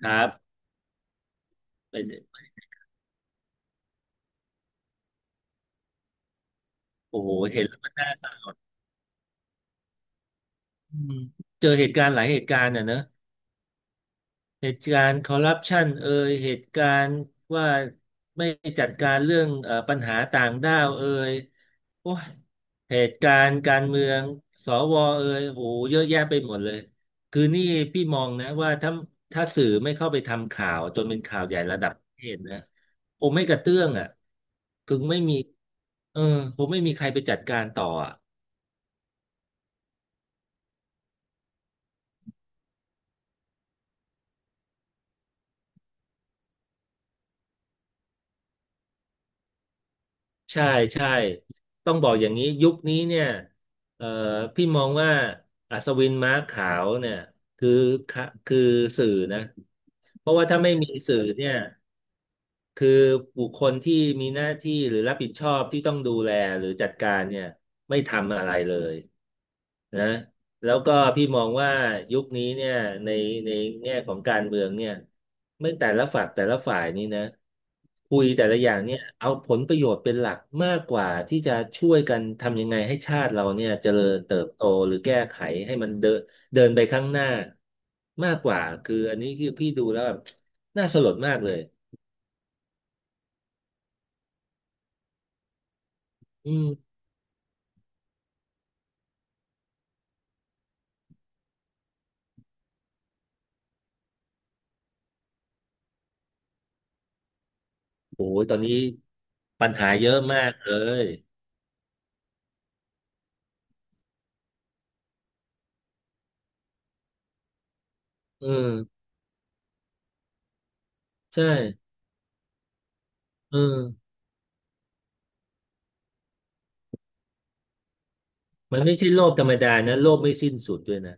ครับเป็นโอ้โหเห็นแล้วมันน่าสะอืมเจอเหตุการณ์หลายเหตุการณ์อ่ะเนอะเหตุการณ์คอร์รัปชันเอยเหตุการณ์ว่าไม่จัดการเรื่องปัญหาต่างด้าวเอยโอ้ยเหตุการณ์การเมืองสวเอยโอ้โหเยอะแยะไปหมดเลยคือนี่พี่มองนะว่าถ้าสื่อไม่เข้าไปทำข่าวจนเป็นข่าวใหญ่ระดับประเทศนะคงไม่กระเตื้องอ่ะคงไม่มีเออคงไม่มีใครไปจัดการต่ออ่ะ ใช่ใช่ต้องบอกอย่างนี้ยุคนี้เนี่ยเอ่อพี่มองว่าอัศวินม้าขาวเนี่ยคือคือสื่อนะเพราะว่าถ้าไม่มีสื่อเนี่ย คือบุคคลที่มีหน้าที่หรือรับผิดชอบที่ต้องดูแลหรือจัดการเนี่ยไม่ทำอะไรเลยนะแล้วก็พี่มองว่ายุคนี้เนี่ยในในแง่ของการเมืองเนี่ยไม่แต่ละฝักแต่ละฝ่ายนี่นะคุยแต่ละอย่างเนี่ยเอาผลประโยชน์เป็นหลักมากกว่าที่จะช่วยกันทำยังไงให้ชาติเราเนี่ยเจริญเติบโตหรือแก้ไขให้มันเดินเดินไปข้างหน้ามากกว่าคืออันนี้คือพี่ดูแล้วแบบน่าสลดมากเลยอืม โอ้ยตอนนี้ปัญหาเยอะมากเลยอืมใช่เออมันไม่ใช่โลภธรรมดานะโลภไม่สิ้นสุดด้วยนะ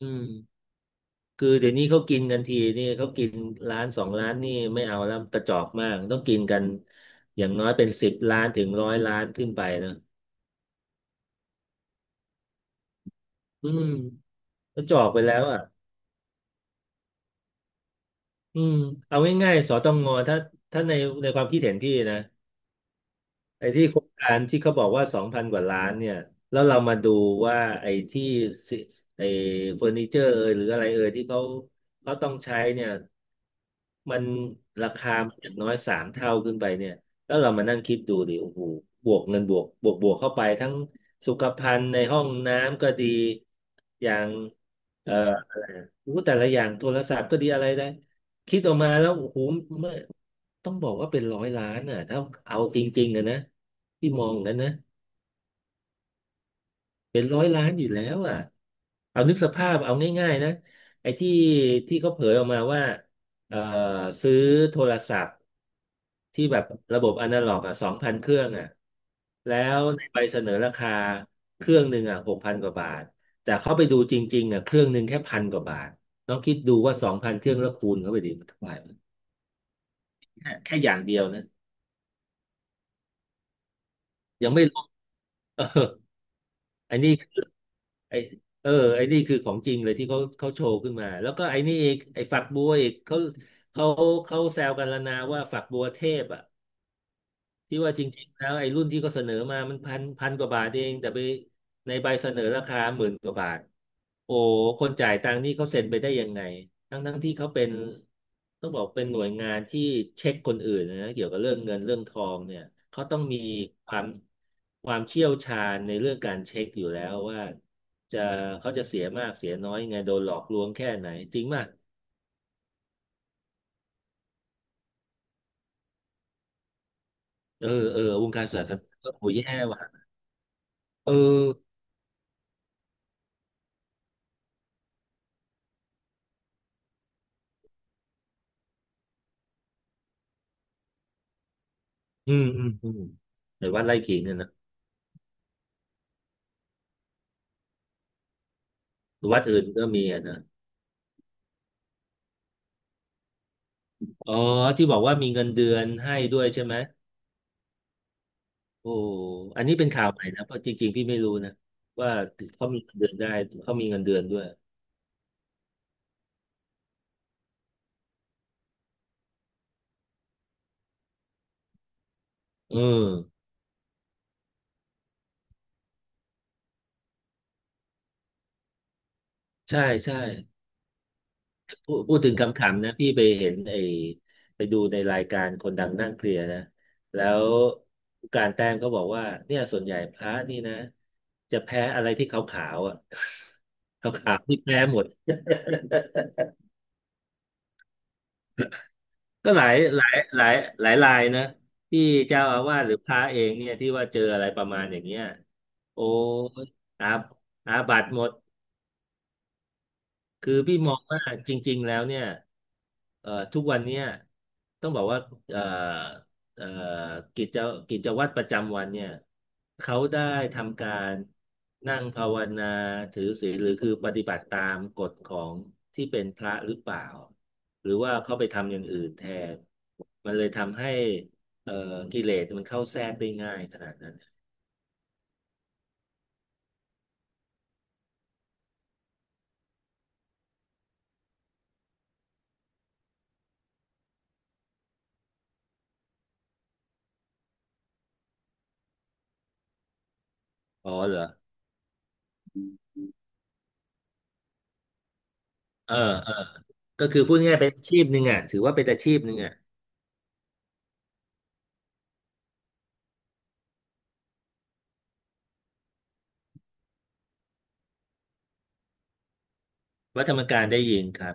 อืมคือเดี๋ยวนี้เขากินกันทีนี่เขากินร้านสองร้านนี่ไม่เอาแล้วกระจอกมากต้องกินกันอย่างน้อยเป็น10 ล้านถึงร้อยล้านขึ้นไปนะอืมกระจอกไปแล้วอ่ะอืมเอาง่ายๆสตงถ้าถ้าในความคิดเห็นพี่นะ ไอ้ที่โครงการที่เขาบอกว่า2,000 กว่าล้านเนี่ยแล้วเรามาดูว่าสิไอ้เฟอร์นิเจอร์เอยหรืออะไรเอยที่เขาต้องใช้เนี่ยมันราคามันอย่างน้อย3 เท่าขึ้นไปเนี่ยแล้วเรามานั่งคิดดูดิโอ้โหบวกเงินบวกเข้าไปทั้งสุขภัณฑ์ในห้องน้ำก็ดีอย่าง โอ้โหแต่ละอย่างโทรศัพท์ก็ดีอะไรได้คิดออกมาแล้วโอ้โหไม่ต้องบอกว่าเป็นร้อยล้านอ่ะถ้าเอาจริงๆอะนะที่มองกันนะเป็นร้อยล้านอยู่แล้วอ่ะเอานึกสภาพเอาง่ายๆนะไอ้ที่ที่เขาเผยออกมาว่าเอ่อซื้อโทรศัพท์ ที่แบบระบบอนาล็อกอ่ะสองพันเครื่องอ่ะแล้วในใบเสนอราคาเครื่องหนึ่งอ่ะ6,000 กว่าบาทแต่เขาไปดูจริงๆอ่ะเครื่องหนึ่งแค่พันกว่าบาทลองคิดดูว่าสองพันเครื่องแล้วคูณเข้าไปดิมันเท่าไหร่แค่อย่างเดียวนะยังไม่รวมเออไอ้นี่คือไอ้ไอ้นี่คือของจริงเลยที่เขาโชว์ขึ้นมาแล้วก็ไอ้นี่อีกไอ้ฝักบัวอีกเขาเขาแซวกันแล้วนะว่าฝักบัวเทพอ่ะ ที่ว่าจริงๆแล้วไอ้รุ่นที่ก็เขาเสนอมามันพันกว่าบาทเองแต่ไปในใบเสนอราคา10,000 กว่าบาทโอ้คนจ่ายตังค์นี่เขาเซ็นไปได้ยังไงทั้งที่เขาเป็นต้องบอกเป็นหน่วยงานที่เช็คคนอื่นนะเกี่ยวกับเรื่องเงินเรื่องทองเนี่ยเขาต้องมีความความเชี่ยวชาญในเรื่องการเช็คอยู่แล้วว่าจะเขาจะเสียมากเสียน้อยยังไงโดนหลอกลวงแค่ไหนจริงป่ะเออเออวงการศาสนาก็โหแย่ว่ะเอออืมอืมอืมในว่าไล่ขิงอะนะ วัดอื่นก็มีอะนะอ๋อที่บอกว่ามีเงินเดือนให้ด้วยใช่ไหมโอ้อันนี้เป็นข่าวใหม่นะเพราะจริงๆพี่ไม่รู้นะว่าเขามีเงินเดือนได้เขามีเงินเดือนด้วยเออใช่ใช่พูดถึงคำขำๆนะพี่ไปเห็นไอ้ไปดูในรายการคนดังนั่งเคลียร์นะแล้วผู้การแต้มก็บอกว่าเนี่ยส่วนใหญ่พระนี่นะจะแพ้อะไรที่ขาวๆอ่ะ ขาวๆที่แพ้หมด ก็หลายรายนะที่เจ้าอาวาสหรือพระเองเนี่ยที่ว่าเจออะไรประมาณอย่างเงี้ยโอ้ยอาอาบัติหมด คือพี่มองว่าจริงๆแล้วเนี่ยทุกวันเนี่ยต้องบอกว่าเอ่อเอ่อกิจกิจวัตรประจำวันเนี่ยเขาได้ทำการนั่งภาวนาถือศีลหรือคือปฏิบัติตามกฎของที่เป็นพระหรือเปล่าหรือว่าเขาไปทำอย่างอื่นแทนมันเลยทำให้เอ่อกิเลสมันเข้าแทรกได้ง่ายขนาดนั้นอ๋อเหรอเออเออก็คือพูดง่ายๆเป็นอาชีพหนึ่งอ่ะถือว่าเป็นอาชีพหนึ่งอ่ะ วัดธรรมกายได้ยินครับ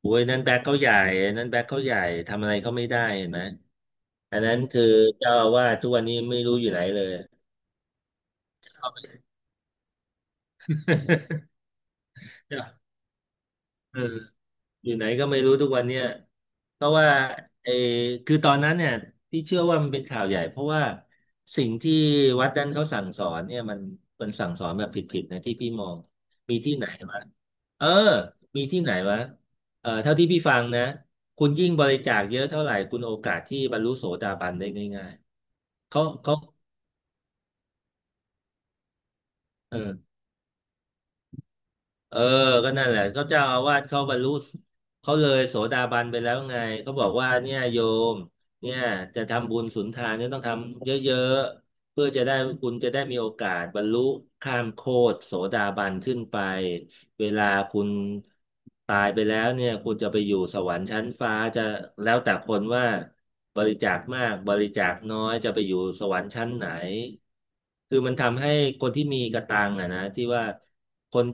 โอ้ยนั่นแบ็คเขาใหญ่อันนั่นแบ็คเขาใหญ่ทำอะไรเขาไม่ได้เห็นไหมอันนั้นคือเจ้าอาวาสทุกวันนี้ไม่รู้อยู่ไหนเลยเออ อยู่ไหนก็ไม่รู้ทุกวันเนี่ยเพราะว่าเออคือตอนนั้นเนี่ยที่เชื่อว่ามันเป็นข่าวใหญ่เพราะว่าสิ่งที่วัดนั้นเขาสั่งสอนเนี่ยมันสั่งสอนแบบผิดๆนะที่พี่มองมีที่ไหนวะเออมีที่ไหนวะเออเท่าที่พี่ฟังนะคุณยิ่งบริจาคเยอะเท่าไหร่คุณโอกาสที่บรรลุโสดาบันได้ง่ายๆเขาเออ เออก็นั่นแหละก็เจ้าอาวาสเขาบรรลุเขาเลยโสดาบันไปแล้วไงเขาบอกว่าเนี่ยโยมเนี่ยจะทำบุญสุนทานเนี่ยต้องทำเยอะๆเพื่อจะได้คุณจะได้มีโอกาสบรรลุข้ามโคตรโสดาบันขึ้นไปเวลาคุณตายไปแล้วเนี่ยคุณจะไปอยู่สวรรค์ชั้นฟ้าจะแล้วแต่คนว่าบริจาคมากบริจาคน้อยจะไปอยู่สวรรค์ชั้นไหนคือมันทำให้คนที่มีกระตังอะนะที่ว่าคน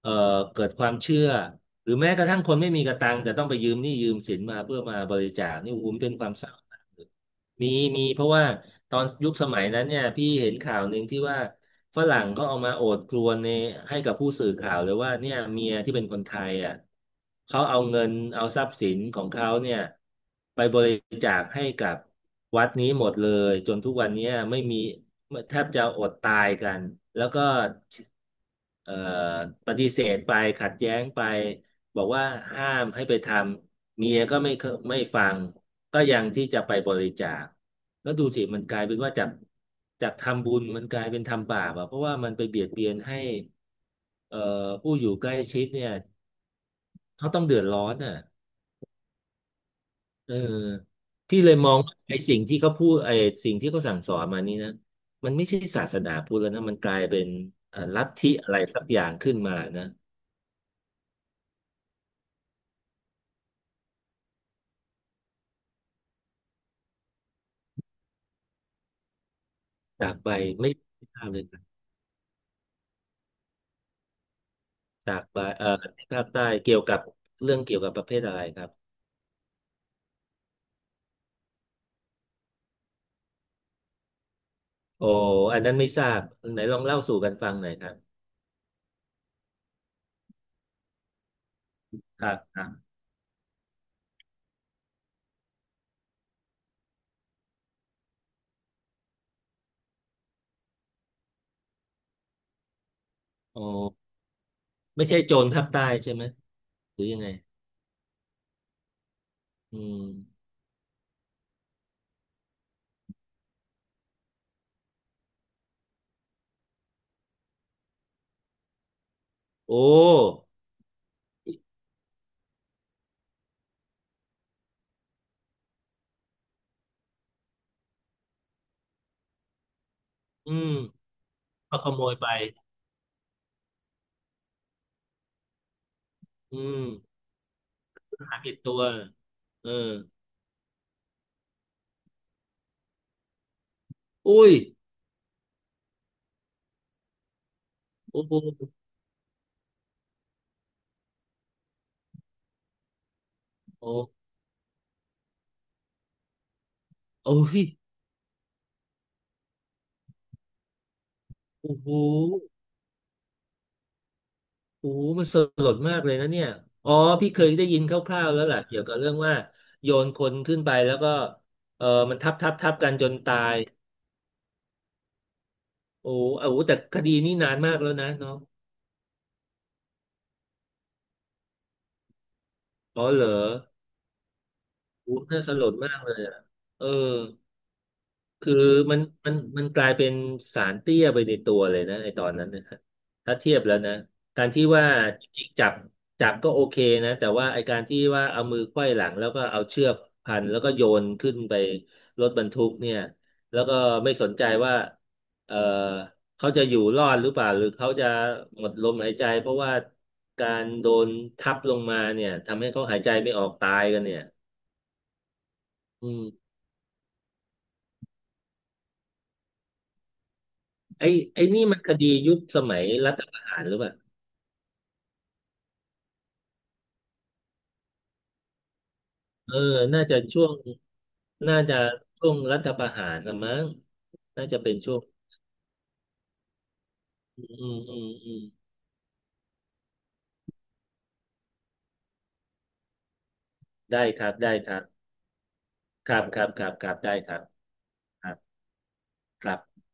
เอ่อเกิดความเชื่อหรือแม้กระทั่งคนไม่มีกระตังแต่ต้องไปยืมหนี้ยืมสินมาเพื่อมาบริจาคนี่โอ้โหมันเป็นความเศร้ามาก มีมีเพราะว่าตอนยุคสมัยนั้นเนี่ยพี่เห็นข่าวหนึ่งที่ว่าฝรั่งก็เอามาโอดครวญในให้กับผู้สื่อข่าวเลยว่าเนี่ยเมียที่เป็นคนไทยอ่ะเขาเอาเงินเอาทรัพย์สินของเขาเนี่ยไปบริจาคให้กับวัดนี้หมดเลยจนทุกวันเนี้ยไม่มีแทบจะอดตายกันแล้วก็เอ่อปฏิเสธไปขัดแย้งไป บอกว่าห้ามให้ไปทำเมียก็ไม่เคไม่ฟังก็ยังที่จะไปบริจาคแล้วดูสิมันกลายเป็นว่าจากทำบุญมันกลายเป็นทำบาปอ่ะเพราะว่ามันไปเบียดเบียนให้เอ่อผู้อยู่ใกล้ชิดเนี่ยเขาต้องเดือดร้อนอ่ะเออพี่เลยมองว่าไอ้สิ่งที่เขาพูดไอ้สิ่งที่เขาสั่งสอนมานี่นะมันไม่ใช่ศาสนาพุทธแล้วนะมันกลายเป็นลัทธิอะไรสักอย่างขึ้นมานะจากไปไม่ทราบเลย จากบาที่ภาคใต้เกี่ยวกับเรื่องเกี่ยวกับประเภทอะไรครับโอ้อันนั้นไม่ทราบไหนลองเล่าสู่กันฟังหน่อยครับครับครับโอ้ไม่ใช่โจรภาคใต้ใช่ไหมหรือยังไงอืมโอ้อืมก็ขโมยไปอืมหาผิดตัวเอออุ้ยโอ้โหโอ้โอ้ยโอ้โห โอ้โหมันสลดมากเลยนะเนี่ย อ๋อพี่เคยได้ยินคร่าวๆแล้วแหละเกี่ยวกับเรื่องว่าโยนคนขึ้นไปแล้วก็เออมันทับทับกันจนตายโอ้โหโอ้โหแต่คดีนี้นานมากแล้วนะเนาะอ๋อเหรอโอ้โหน่าสลดมากเลยอ่ะเออ คือมันมันมันกลายเป็นสารเตี้ยไปในตัวเลยนะไอตอนนั้นนะฮะถ้าเทียบแล้วนะการที่ว่าจริงๆจับก็โอเคนะแต่ว่าไอการที่ว่าเอามือไขว้หลังแล้วก็เอาเชือกพันแล้วก็โยนขึ้นไปรถบรรทุกเนี่ยแล้วก็ไม่สนใจว่าเออเขาจะอยู่รอดหรือเปล่าหรือเขาจะหมดลมหายใจเพราะว่าการโดนทับลงมาเนี่ยทำให้เขาหายใจไม่ออกตายกันเนี่ยอืมไอ้ไอ้นี่มันคดียุคสมัยรัฐประหารหรือเปล่า เออน่าจะช่วงน่าจะช่วงรัฐประหารละมั้งน่าจะเป็นช่วงอืมอืมอืมได้ครับ ได้ครับครับครับครับครับได้ครับครับครับ